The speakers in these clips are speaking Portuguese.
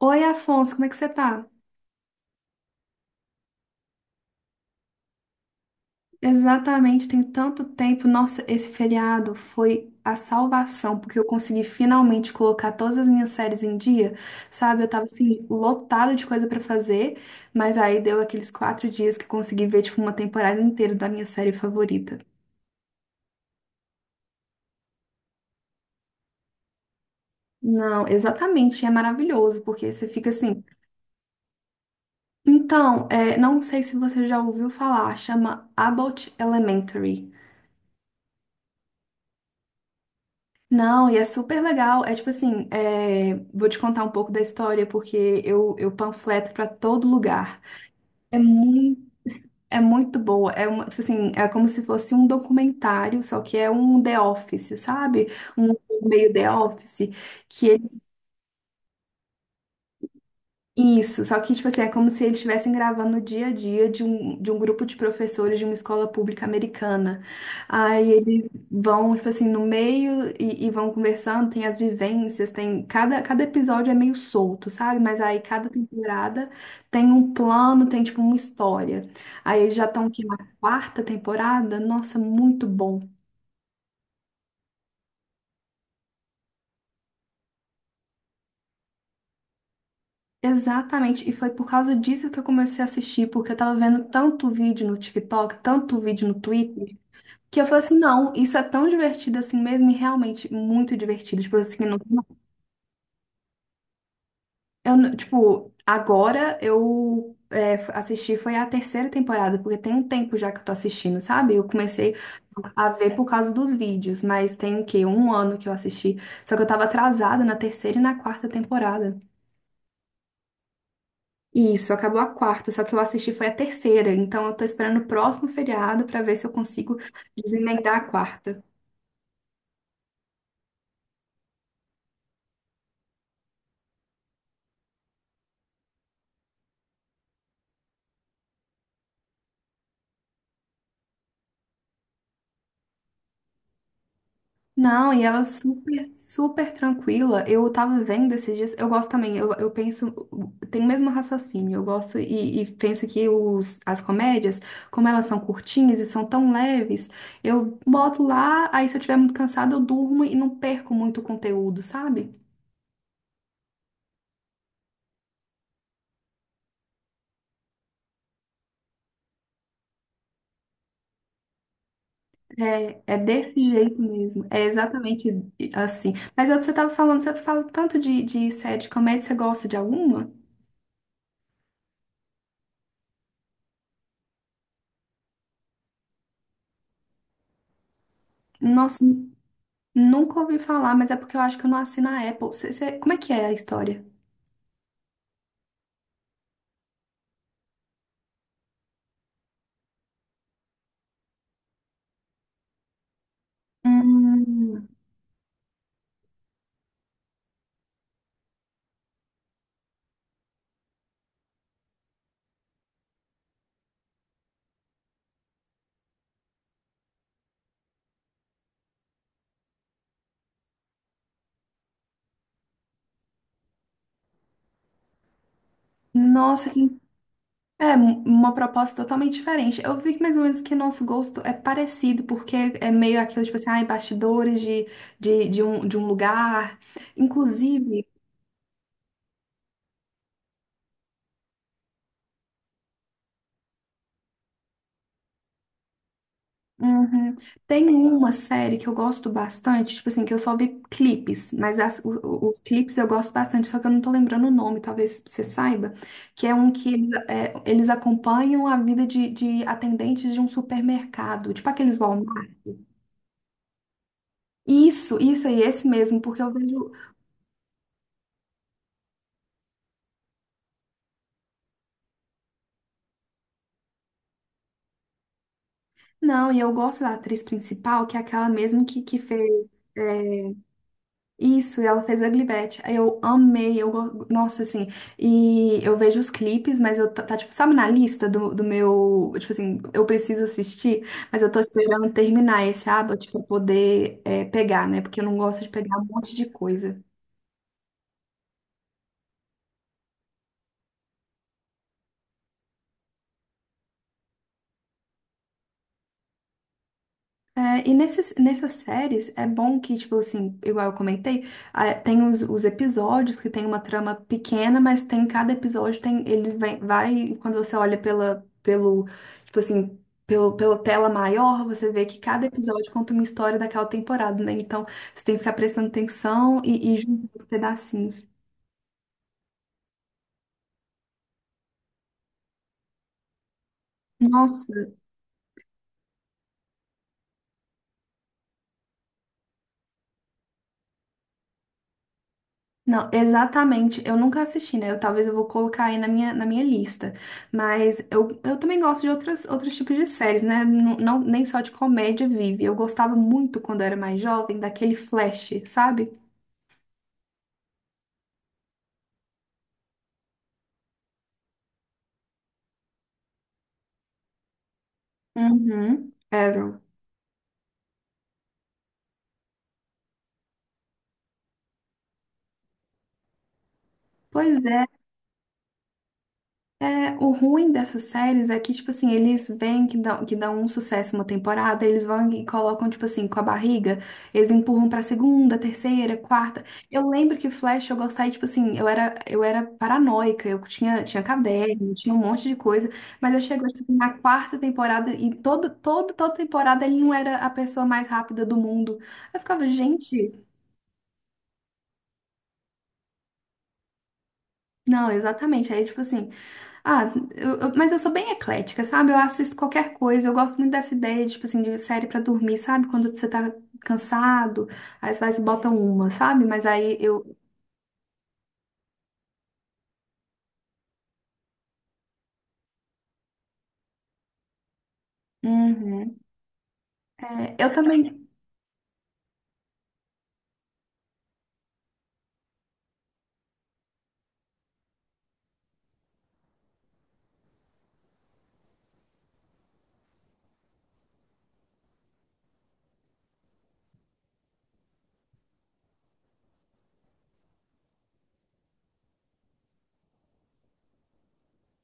Oi, Afonso, como é que você tá? Exatamente, tem tanto tempo. Nossa, esse feriado foi a salvação, porque eu consegui finalmente colocar todas as minhas séries em dia, sabe? Eu tava assim, lotada de coisa pra fazer, mas aí deu aqueles quatro dias que eu consegui ver, tipo, uma temporada inteira da minha série favorita. Não, exatamente, é maravilhoso, porque você fica assim. Então, não sei se você já ouviu falar, chama Abbott Elementary. Não, e é super legal. É tipo assim, vou te contar um pouco da história, porque eu panfleto pra todo lugar. É muito, é muito boa. É uma, tipo assim, é como se fosse um documentário, só que é um The Office, sabe? Um meio The Office, que Isso, só que, tipo assim, é como se eles estivessem gravando o dia a dia de de um grupo de professores de uma escola pública americana. Aí eles vão, tipo assim, no meio e vão conversando, tem as vivências, tem... cada episódio é meio solto, sabe? Mas aí cada temporada tem um plano, tem, tipo, uma história. Aí eles já estão aqui na quarta temporada, nossa, muito bom. Exatamente, e foi por causa disso que eu comecei a assistir, porque eu tava vendo tanto vídeo no TikTok, tanto vídeo no Twitter, que eu falei assim, não, isso é tão divertido assim mesmo, e realmente muito divertido. Tipo assim, não, eu, não- tipo, agora eu é, assisti, foi a terceira temporada, porque tem um tempo já que eu tô assistindo, sabe? Eu comecei a ver por causa dos vídeos, mas tem o quê? Um ano que eu assisti. Só que eu tava atrasada na terceira e na quarta temporada. Isso, acabou a quarta, só que eu assisti foi a terceira, então eu tô esperando o próximo feriado pra ver se eu consigo desemendar a quarta. Não, e ela é super, super tranquila. Eu tava vendo esses dias, eu gosto também, eu penso, tem o mesmo raciocínio, eu gosto e penso que as comédias, como elas são curtinhas e são tão leves, eu boto lá, aí se eu estiver muito cansada, eu durmo e não perco muito o conteúdo, sabe? É, é desse jeito mesmo, é exatamente assim. Mas é o que você tava falando, você fala tanto de série de comédia, você gosta de alguma? Nossa, nunca ouvi falar, mas é porque eu acho que eu não assino a Apple. Como é que é a história? Hum, nossa, que... é um- uma proposta totalmente diferente. Eu vi que mais ou menos que nosso gosto é parecido, porque é meio aquilo, tipo assim, ai, bastidores de um lugar. Inclusive, uhum. Tem uma série que eu gosto bastante, tipo assim, que eu só vi clipes, mas os clipes eu gosto bastante, só que eu não tô lembrando o nome, talvez você saiba, que é um que eles acompanham a vida de atendentes de um supermercado, tipo aqueles Walmart. Isso aí, esse mesmo, porque eu vejo. Não, e eu gosto da atriz principal, que é aquela mesmo que fez. É, isso, e ela fez Ugly Betty. Aí eu amei, nossa, assim, e eu vejo os clipes, mas eu, tipo, sabe, na lista do meu, tipo assim, eu preciso assistir, mas eu tô esperando terminar esse aba, tipo, pra poder é, pegar, né, porque eu não gosto de pegar um monte de coisa. É, e nessas séries é bom que, tipo assim, igual eu comentei, ah, tem os episódios que tem uma trama pequena, mas tem cada episódio, tem, ele vem, vai, quando você olha pela, pelo, tipo assim, pelo, pela tela maior, você vê que cada episódio conta uma história daquela temporada, né? Então você tem que ficar prestando atenção e juntando pedacinhos. Nossa, não, exatamente. Eu nunca assisti, né? Eu, talvez eu vou colocar aí na minha lista. Mas eu também gosto de outras, outros tipos de séries, né? Nem só de comédia vive. Eu gostava muito, quando eu era mais jovem, daquele Flash, sabe? Uhum. Arrow. Pois é. É, o ruim dessas séries é que, tipo assim, eles vêm que dão um sucesso uma temporada, eles vão e colocam, tipo assim, com a barriga, eles empurram pra segunda, terceira, quarta. Eu lembro que Flash eu gostava, e, tipo assim, eu era paranoica, tinha caderno, tinha um monte de coisa, mas eu chegou, tipo, na quarta temporada e toda temporada ele não era a pessoa mais rápida do mundo. Eu ficava, gente, não, exatamente. Aí, tipo assim. Ah, mas eu sou bem eclética, sabe? Eu assisto qualquer coisa. Eu gosto muito dessa ideia, tipo assim, de série pra dormir, sabe? Quando você tá cansado, aí você vai e bota uma, sabe? Mas aí eu. Uhum. É, eu também.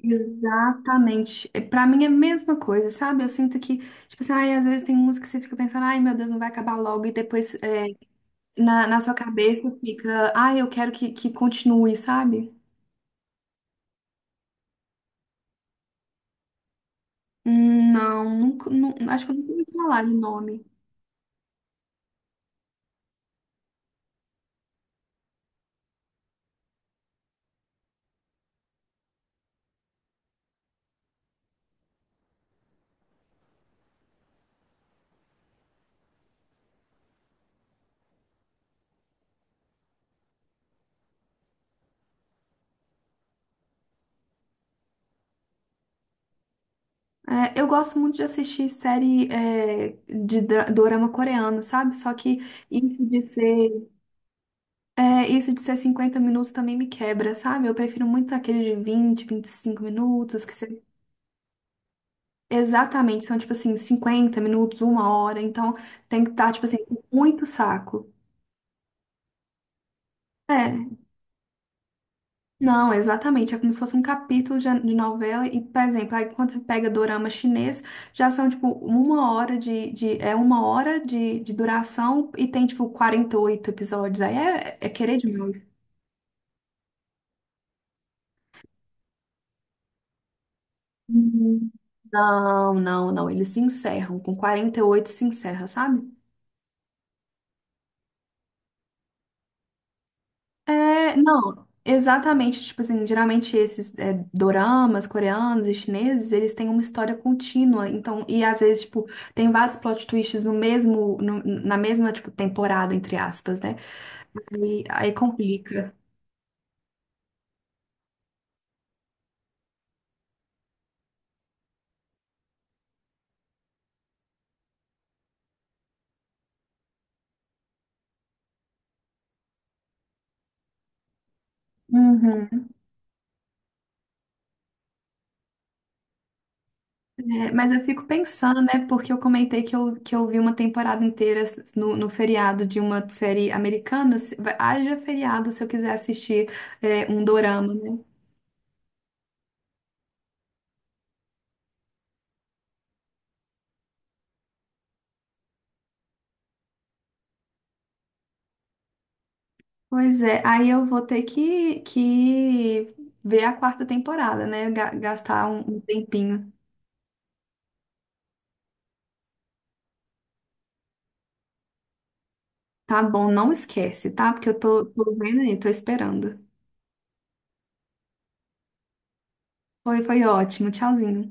Exatamente. É, pra mim é a mesma coisa, sabe? Eu sinto que, tipo assim, ai, às vezes tem música que você fica pensando, ai, meu Deus, não vai acabar logo. E depois é, na sua cabeça fica, ai, eu quero que continue, sabe? Não, nunca, nu- acho que eu nunca ouvi falar de nome. É, eu gosto muito de assistir série é, de dra- dorama coreano, sabe? Só que isso de ser, é, isso de ser 50 minutos também me quebra, sabe? Eu prefiro muito aquele de vinte, vinte e cinco minutos, que se- exatamente são, tipo assim, 50 minutos, uma hora. Então tem que estar, tipo assim, com muito saco. É, não, exatamente. É como se fosse um capítulo de novela. E, por exemplo, aí quando você pega dorama chinês, já são, tipo, uma hora é uma hora de duração e tem, tipo, 48 episódios. Aí é querer demais. Uhum. Não, não, não. Eles se encerram. Com 48 se encerra, sabe? É, não, exatamente, tipo assim, geralmente esses é, doramas coreanos e chineses, eles têm uma história contínua, então, e às vezes, tipo, tem vários plot twists no mesmo, na mesma, tipo, temporada, entre aspas, né? Aí complica. Uhum. É, mas eu fico pensando, né, porque eu comentei que que eu vi uma temporada inteira s- no, no feriado de uma série americana, se- vai- haja feriado se eu quiser assistir é, um dorama, né? Pois é, aí eu vou ter que ver a quarta temporada, né? Gastar um, um tempinho. Tá bom, não esquece, tá? Porque eu tô, tô vendo aí, tô esperando. Foi, foi ótimo. Tchauzinho.